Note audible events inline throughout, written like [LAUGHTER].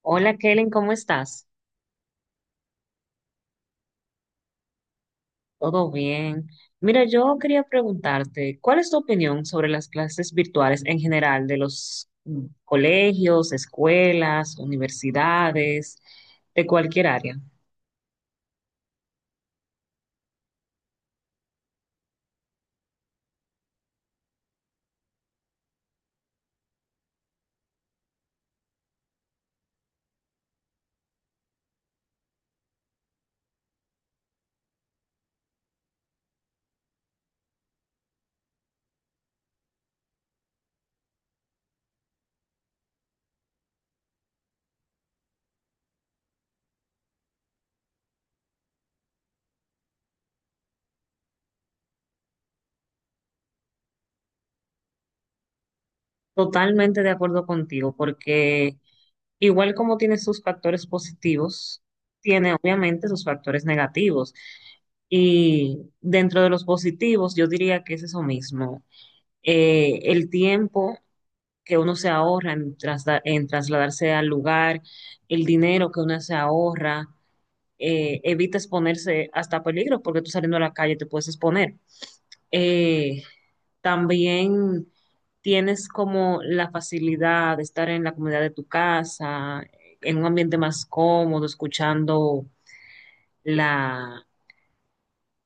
Hola Kellen, ¿cómo estás? ¿Todo bien? Mira, yo quería preguntarte, ¿cuál es tu opinión sobre las clases virtuales en general de los colegios, escuelas, universidades, de cualquier área? Totalmente de acuerdo contigo, porque igual como tiene sus factores positivos, tiene obviamente sus factores negativos. Y dentro de los positivos, yo diría que es eso mismo. El tiempo que uno se ahorra en, en trasladarse al lugar, el dinero que uno se ahorra, evita exponerse hasta peligro porque tú saliendo a la calle te puedes exponer. Eh, También tienes como la facilidad de estar en la comunidad de tu casa, en un ambiente más cómodo, escuchando la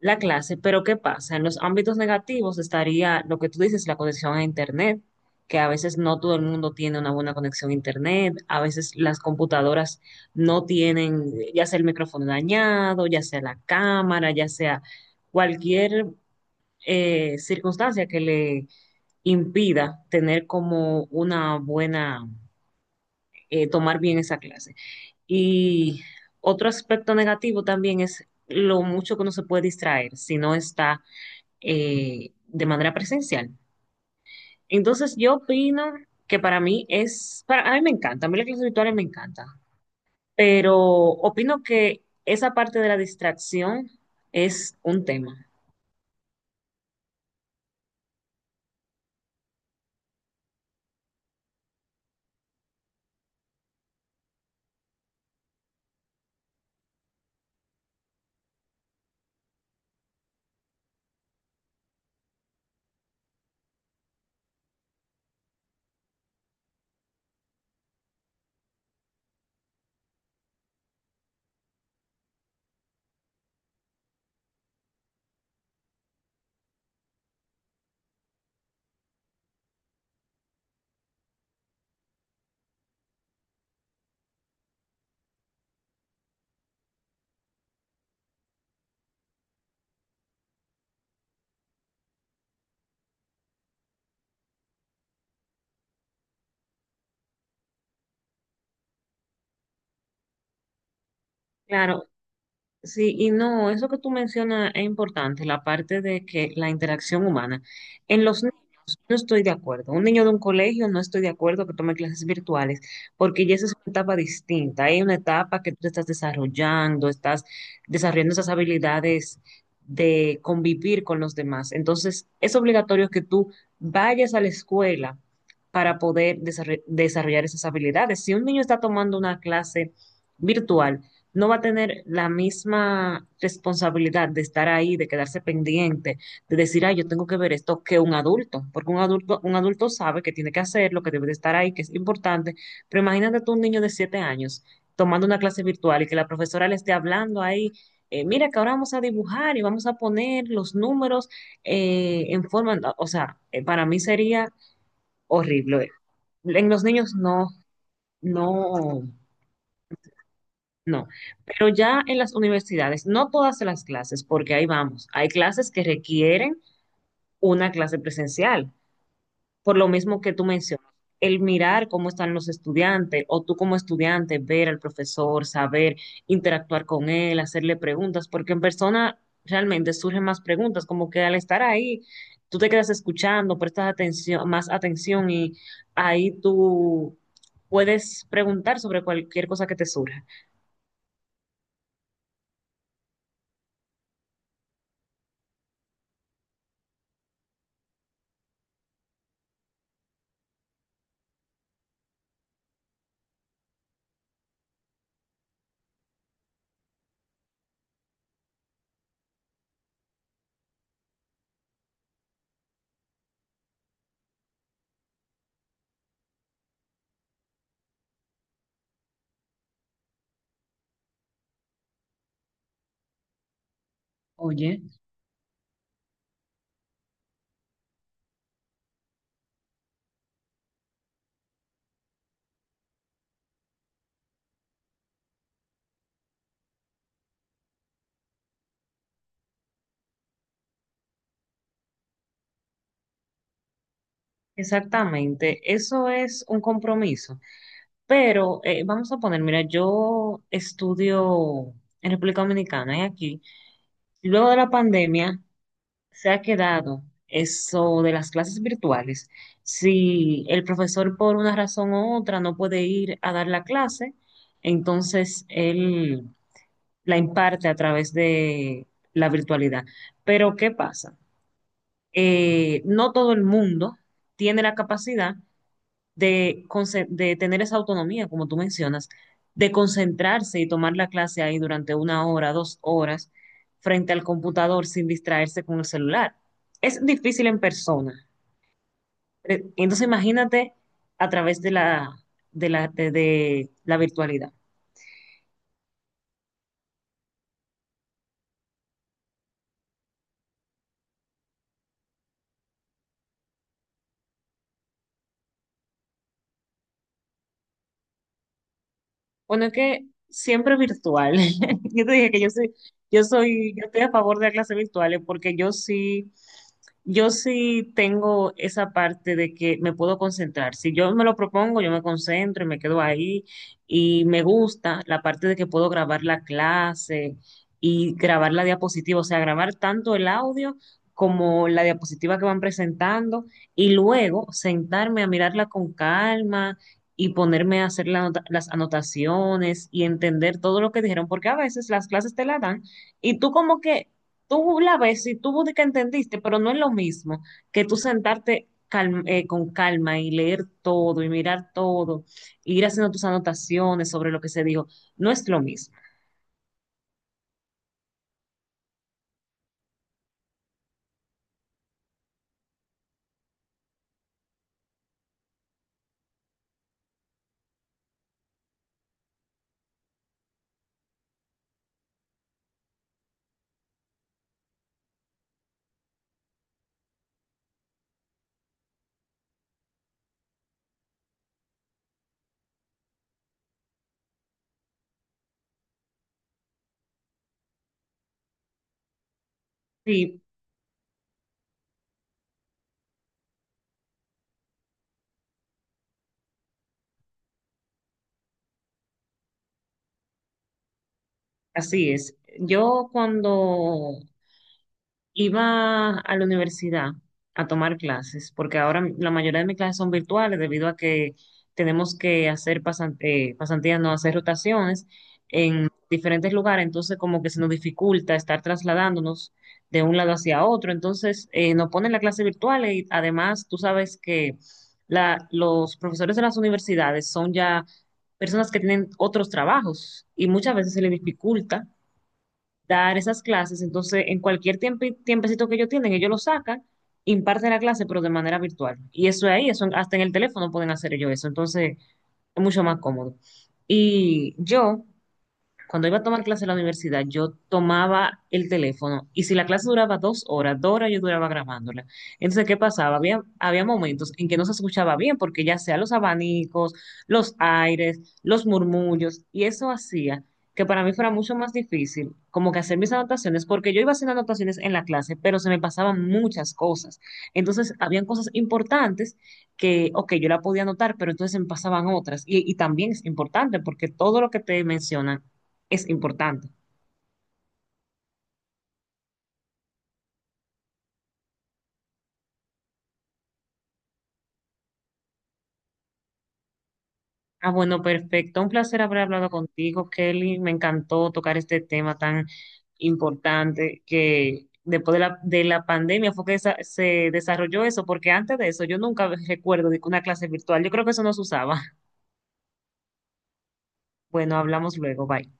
la clase, pero ¿qué pasa? En los ámbitos negativos estaría lo que tú dices, la conexión a Internet, que a veces no todo el mundo tiene una buena conexión a Internet, a veces las computadoras no tienen, ya sea el micrófono dañado, ya sea la cámara, ya sea cualquier circunstancia que le impida tener como una buena, tomar bien esa clase. Y otro aspecto negativo también es lo mucho que uno se puede distraer si no está de manera presencial. Entonces yo opino que para mí es, para, a mí me encanta, a mí las clases virtuales me encanta, pero opino que esa parte de la distracción es un tema. Claro, sí, y no, eso que tú mencionas es importante, la parte de que la interacción humana. En los niños no estoy de acuerdo. Un niño de un colegio no estoy de acuerdo que tome clases virtuales, porque ya esa es una etapa distinta. Hay una etapa que tú te estás desarrollando esas habilidades de convivir con los demás. Entonces, es obligatorio que tú vayas a la escuela para poder desarrollar esas habilidades. Si un niño está tomando una clase virtual, no va a tener la misma responsabilidad de estar ahí, de quedarse pendiente, de decir, ay, yo tengo que ver esto que un adulto, porque un adulto sabe que tiene que hacerlo, que debe de estar ahí, que es importante, pero imagínate tú un niño de 7 años tomando una clase virtual y que la profesora le esté hablando ahí, mira que ahora vamos a dibujar y vamos a poner los números en forma, o sea, para mí sería horrible. En los niños no, no, no, pero ya en las universidades, no todas las clases, porque ahí vamos, hay clases que requieren una clase presencial, por lo mismo que tú mencionas, el mirar cómo están los estudiantes o tú como estudiante, ver al profesor, saber interactuar con él, hacerle preguntas, porque en persona realmente surgen más preguntas, como que al estar ahí, tú te quedas escuchando, prestas atención, más atención y ahí tú puedes preguntar sobre cualquier cosa que te surja. Oye. Exactamente, eso es un compromiso. Pero vamos a poner, mira, yo estudio en República Dominicana y aquí, luego de la pandemia, se ha quedado eso de las clases virtuales. Si el profesor por una razón u otra no puede ir a dar la clase, entonces él la imparte a través de la virtualidad. Pero ¿qué pasa? No todo el mundo tiene la capacidad de, de tener esa autonomía, como tú mencionas, de concentrarse y tomar la clase ahí durante 1 hora, 2 horas, frente al computador sin distraerse con el celular. Es difícil en persona. Entonces imagínate a través de la, de la, de la virtualidad. Bueno, que siempre virtual. [LAUGHS] Yo te dije que yo estoy a favor de las clases virtuales porque yo sí, yo sí tengo esa parte de que me puedo concentrar. Si yo me lo propongo, yo me concentro y me quedo ahí. Y me gusta la parte de que puedo grabar la clase y grabar la diapositiva, o sea, grabar tanto el audio como la diapositiva que van presentando y luego sentarme a mirarla con calma y ponerme a hacer la las anotaciones y entender todo lo que dijeron, porque a veces las clases te la dan y tú como que, tú la ves y tú de que entendiste, pero no es lo mismo que tú sentarte con calma y leer todo y mirar todo, e ir haciendo tus anotaciones sobre lo que se dijo, no es lo mismo. Sí, así es. Yo cuando iba a la universidad a tomar clases, porque ahora la mayoría de mis clases son virtuales debido a que tenemos que hacer pasantías, no hacer rotaciones en diferentes lugares, entonces como que se nos dificulta estar trasladándonos de un lado hacia otro, entonces nos ponen la clase virtual y además tú sabes que los profesores de las universidades son ya personas que tienen otros trabajos y muchas veces se les dificulta dar esas clases. Entonces, en cualquier tiempo, tiempecito que ellos tienen, ellos lo sacan, imparten la clase, pero de manera virtual. Y eso es ahí, eso hasta en el teléfono pueden hacer ellos eso. Entonces, es mucho más cómodo. Y yo cuando iba a tomar clase en la universidad, yo tomaba el teléfono y si la clase duraba 2 horas, 2 horas yo duraba grabándola. Entonces, ¿qué pasaba? Había momentos en que no se escuchaba bien porque ya sea los abanicos, los aires, los murmullos y eso hacía que para mí fuera mucho más difícil como que hacer mis anotaciones porque yo iba haciendo anotaciones en la clase, pero se me pasaban muchas cosas. Entonces, habían cosas importantes que, ok, yo la podía anotar, pero entonces se me pasaban otras. Y también es importante porque todo lo que te mencionan es importante. Ah, bueno, perfecto. Un placer haber hablado contigo, Kelly. Me encantó tocar este tema tan importante que después de la pandemia fue que se desarrolló eso, porque antes de eso yo nunca recuerdo de que una clase virtual. Yo creo que eso no se usaba. [LAUGHS] Bueno, hablamos luego. Bye.